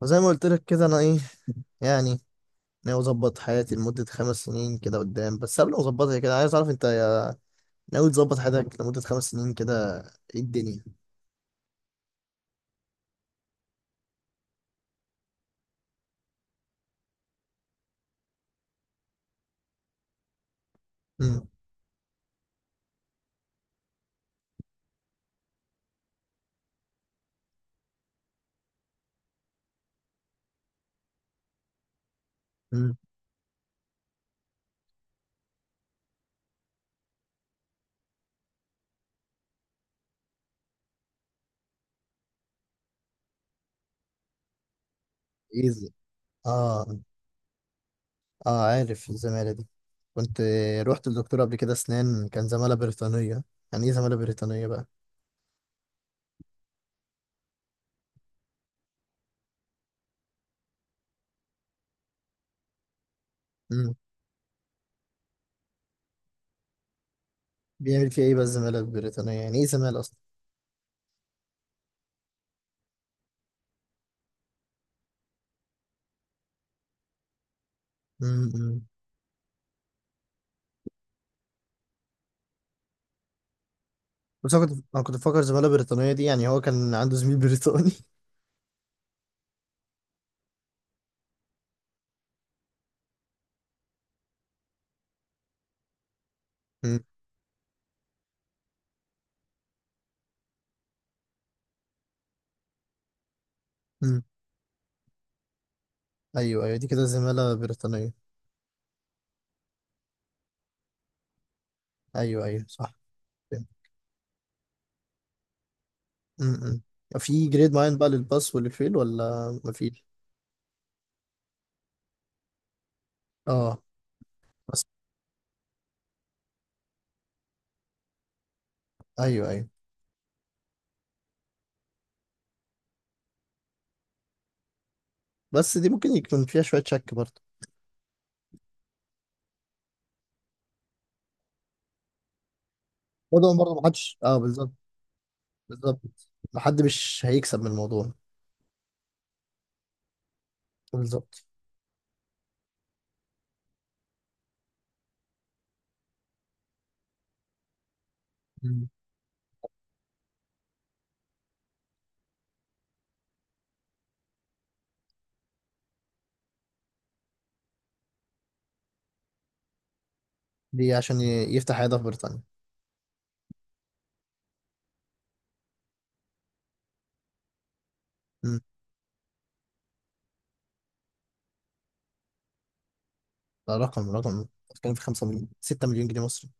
وزي ما قلت لك كده انا ايه يعني ناوي اظبط حياتي لمدة خمس سنين كده قدام، بس قبل ما اظبطها كده عايز اعرف انت ناوي تظبط حياتك لمدة خمس سنين كده، ايه الدنيا. امم. امم. ايزي. اه. اه عارف الزمالة دي. كنت رحت للدكتور قبل كده اسنان، كان زمالة بريطانية. يعني ايه زمالة بريطانية بقى؟ امم. بيعمل فيها ايه بقى الزمالة البريطانية؟ يعني ايه زمالة اصلا؟ امم. أمم. بس انا كنت بفكر زمالة بريطانية دي، يعني هو كان عنده زميل بريطاني. امم. امم. ايوه ايوه، دي كده زمالة بريطانية. ايوه ايوه صح. فهمت. م- م. في جريد معين بقى للباس والفيل ولا مفيش؟ اه. بس ايوه ايوه. بس دي ممكن يكون فيها شويه شك. برضه برضه برضه محدش اه بالظبط. بالظبط، ما حد مش هيكسب من الموضوع. بالظبط. م. دي عشان يفتح عياده في بريطانيا. م. ده رقم بتتكلم في 5 مليون 6 مليون جنيه مصري.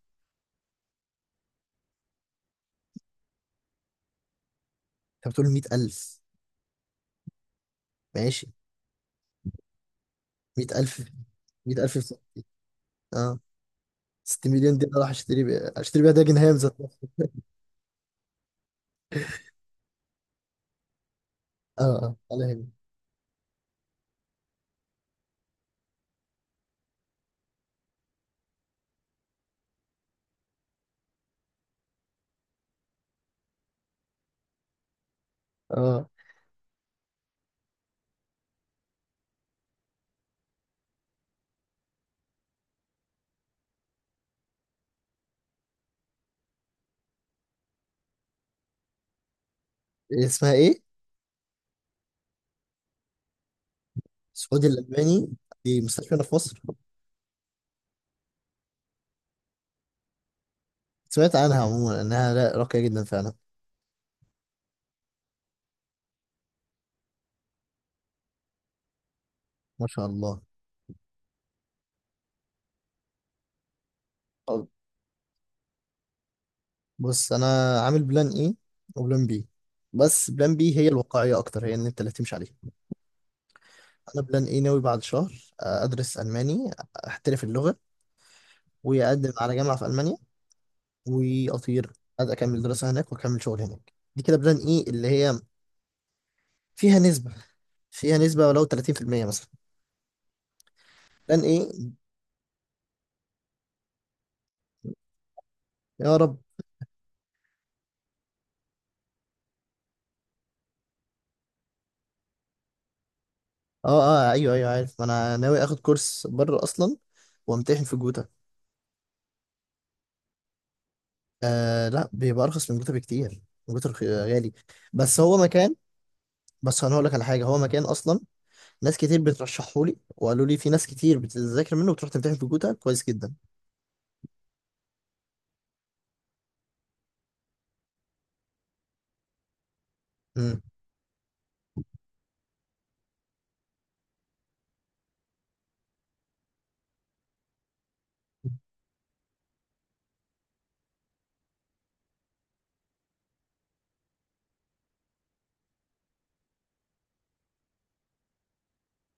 انت بتقول 100,000. ماشي. 100,000. 100,000 في سنة. اه 6 مليون دي انا راح اشتري بيها داجن هامز. اه. اه على هنا. اه. إيه اسمها ايه؟ السعودي الألماني. في مستشفى هنا في مصر. سمعت عنها عموما إنها راقية جدا فعلا. ما شاء الله. طب بص أنا عامل بلان إيه وبلان بي، بس بلان بي هي الواقعية أكتر، هي إن أنت اللي تمشي عليها. أنا بلان إيه ناوي بعد شهر أدرس ألماني، أحترف اللغة وأقدم على جامعة في ألمانيا وأطير. عايز أكمل دراسة هناك وأكمل شغل هناك، دي كده بلان إيه اللي هي فيها نسبة فيها نسبة ولو 30% مثلا. بلان إيه. يا رب. اه. اه ايوه ايوه عارف، ما انا ناوي اخد كورس بره اصلا وامتحن في جوتا. آه لا، بيبقى ارخص من جوتا بكتير. جوتا غالي. بس هو مكان. بس انا هقول لك على حاجه، هو مكان اصلا ناس كتير بترشحه لي وقالوا لي في ناس كتير بتذاكر منه وتروح تمتحن في جوتا كويس جدا. امم.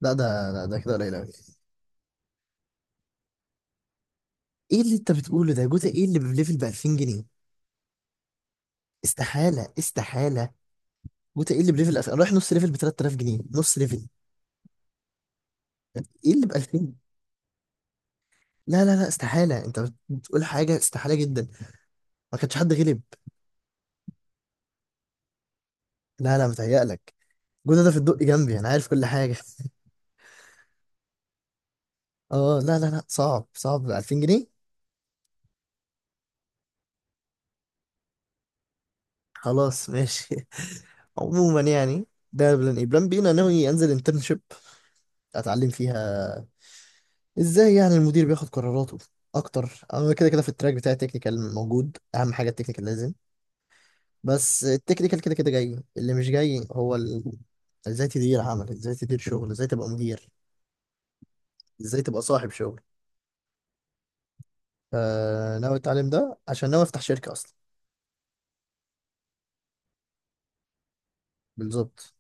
لا ده كده قليل قوي. ايه اللي انت بتقوله ده؟ جوتا ايه اللي بليفل ب 2000 جنيه؟ استحاله استحاله. جوتا ايه اللي بليفل 2000؟ رايح نص ليفل ب 3000 جنيه، نص ليفل. ايه اللي ب 2000؟ لا لا لا استحاله، انت بتقول حاجه استحاله جدا، ما كانش حد غلب. لا لا، متهيألك. جوده ده في الدق جنبي، انا عارف كل حاجه. اه لا لا لا، صعب، صعب ب 2000 جنيه. خلاص ماشي. عموما يعني ده بلان ايه. بلان بي انا ناوي انزل انترنشيب، اتعلم فيها ازاي يعني المدير بياخد قراراته اكتر. انا كده كده في التراك بتاع التكنيكال موجود، اهم حاجه التكنيكال لازم، بس التكنيكال كده كده جاي اللي مش جاي، ازاي تدير عمل، ازاي تدير شغل، ازاي تبقى مدير، ازاي تبقى صاحب شغل. فناوي اتعلم ده عشان ناوي افتح شركه اصلا. بالظبط.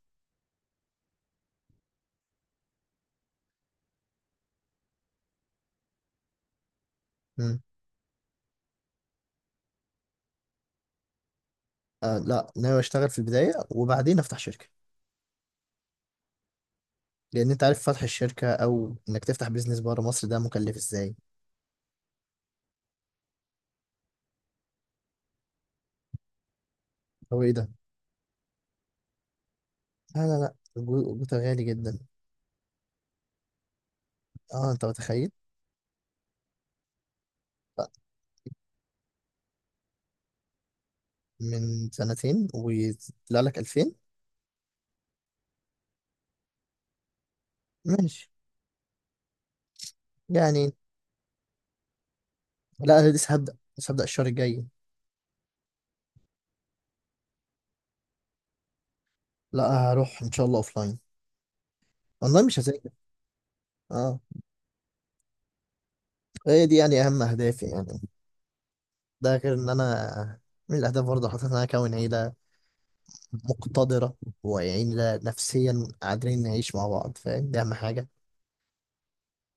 مم. آه لا، ناوي اشتغل في البدايه وبعدين افتح شركه، لان انت عارف فتح الشركه او انك تفتح بيزنس بره مصر ده مكلف ازاي. هو ايه ده؟ لا لا لا الجوتا غالي جدا. اه انت متخيل. لا. من سنتين ويطلع لك 2000؟ ماشي يعني. لا انا لسه هبدا الشهر الجاي. لا، هروح ان شاء الله اوف لاين، اونلاين مش هذاكر. اه. هي دي يعني اهم اهدافي يعني. ده غير ان انا من الاهداف برضه حاطط ان انا اكون عيله مقتدرة، ويعني نفسيا قادرين نعيش مع بعض، فاهم؟ دي أهم حاجة.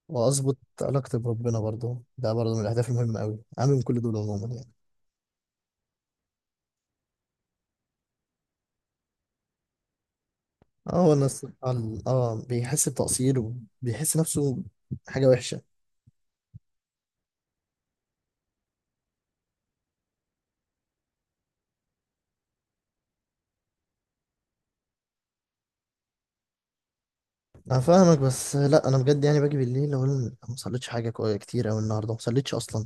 وأظبط علاقتي بربنا برضو، ده برضو من الأهداف المهمة أوي، أهم من كل دول عموما يعني. اه هو الناس بيحس بتقصير، وبيحس نفسه حاجة وحشة. أنا فاهمك، بس لا أنا بجد يعني باجي بالليل أقول أنا ما صليتش حاجة كتير أوي النهاردة ما صليتش أصلا.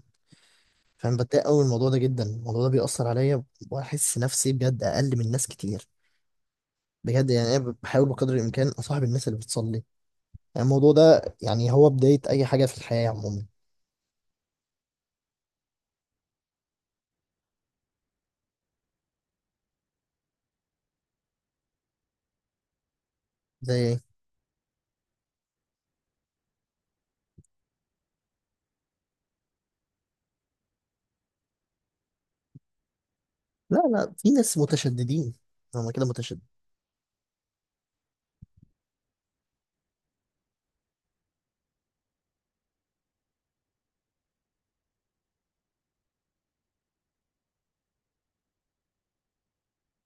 فاهم؟ بتضايق أوي من الموضوع ده جدا، الموضوع ده بيأثر عليا، وأحس نفسي بجد أقل من ناس كتير، بجد يعني. أنا بحاول بقدر الإمكان أصاحب الناس اللي بتصلي، يعني الموضوع ده يعني هو بداية أي حاجة في الحياة عموما. زي إيه؟ لا لا، في ناس متشددين، هما كده متشدد.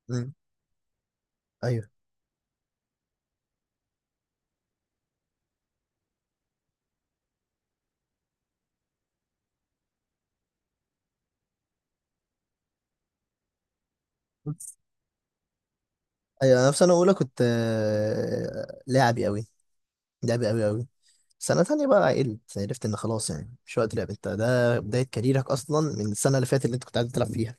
مم. أيوه أيوه. أنا في سنة أولى كنت لاعبي أوي، لاعبي أوي أوي. سنة تانية بقى عقلت، عرفت إن خلاص يعني مش وقت لعب، أنت ده بداية كاريرك أصلا من السنة اللي فاتت اللي أنت كنت قاعد تلعب فيها.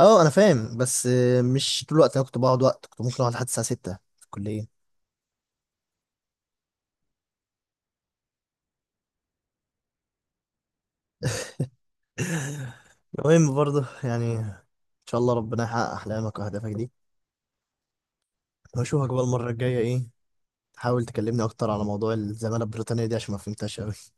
أه أنا فاهم بس مش طول الوقت، أنا كنت بقعد وقت كنت ممكن أقعد لحد الساعة 6 في الكلية. المهم برضه يعني إن شاء الله ربنا يحقق أحلامك وأهدافك دي، واشوفك بقى المرة الجاية. ايه، تحاول تكلمني اكتر على موضوع الزمالة البريطانية دي عشان ما فهمتهاش اوي.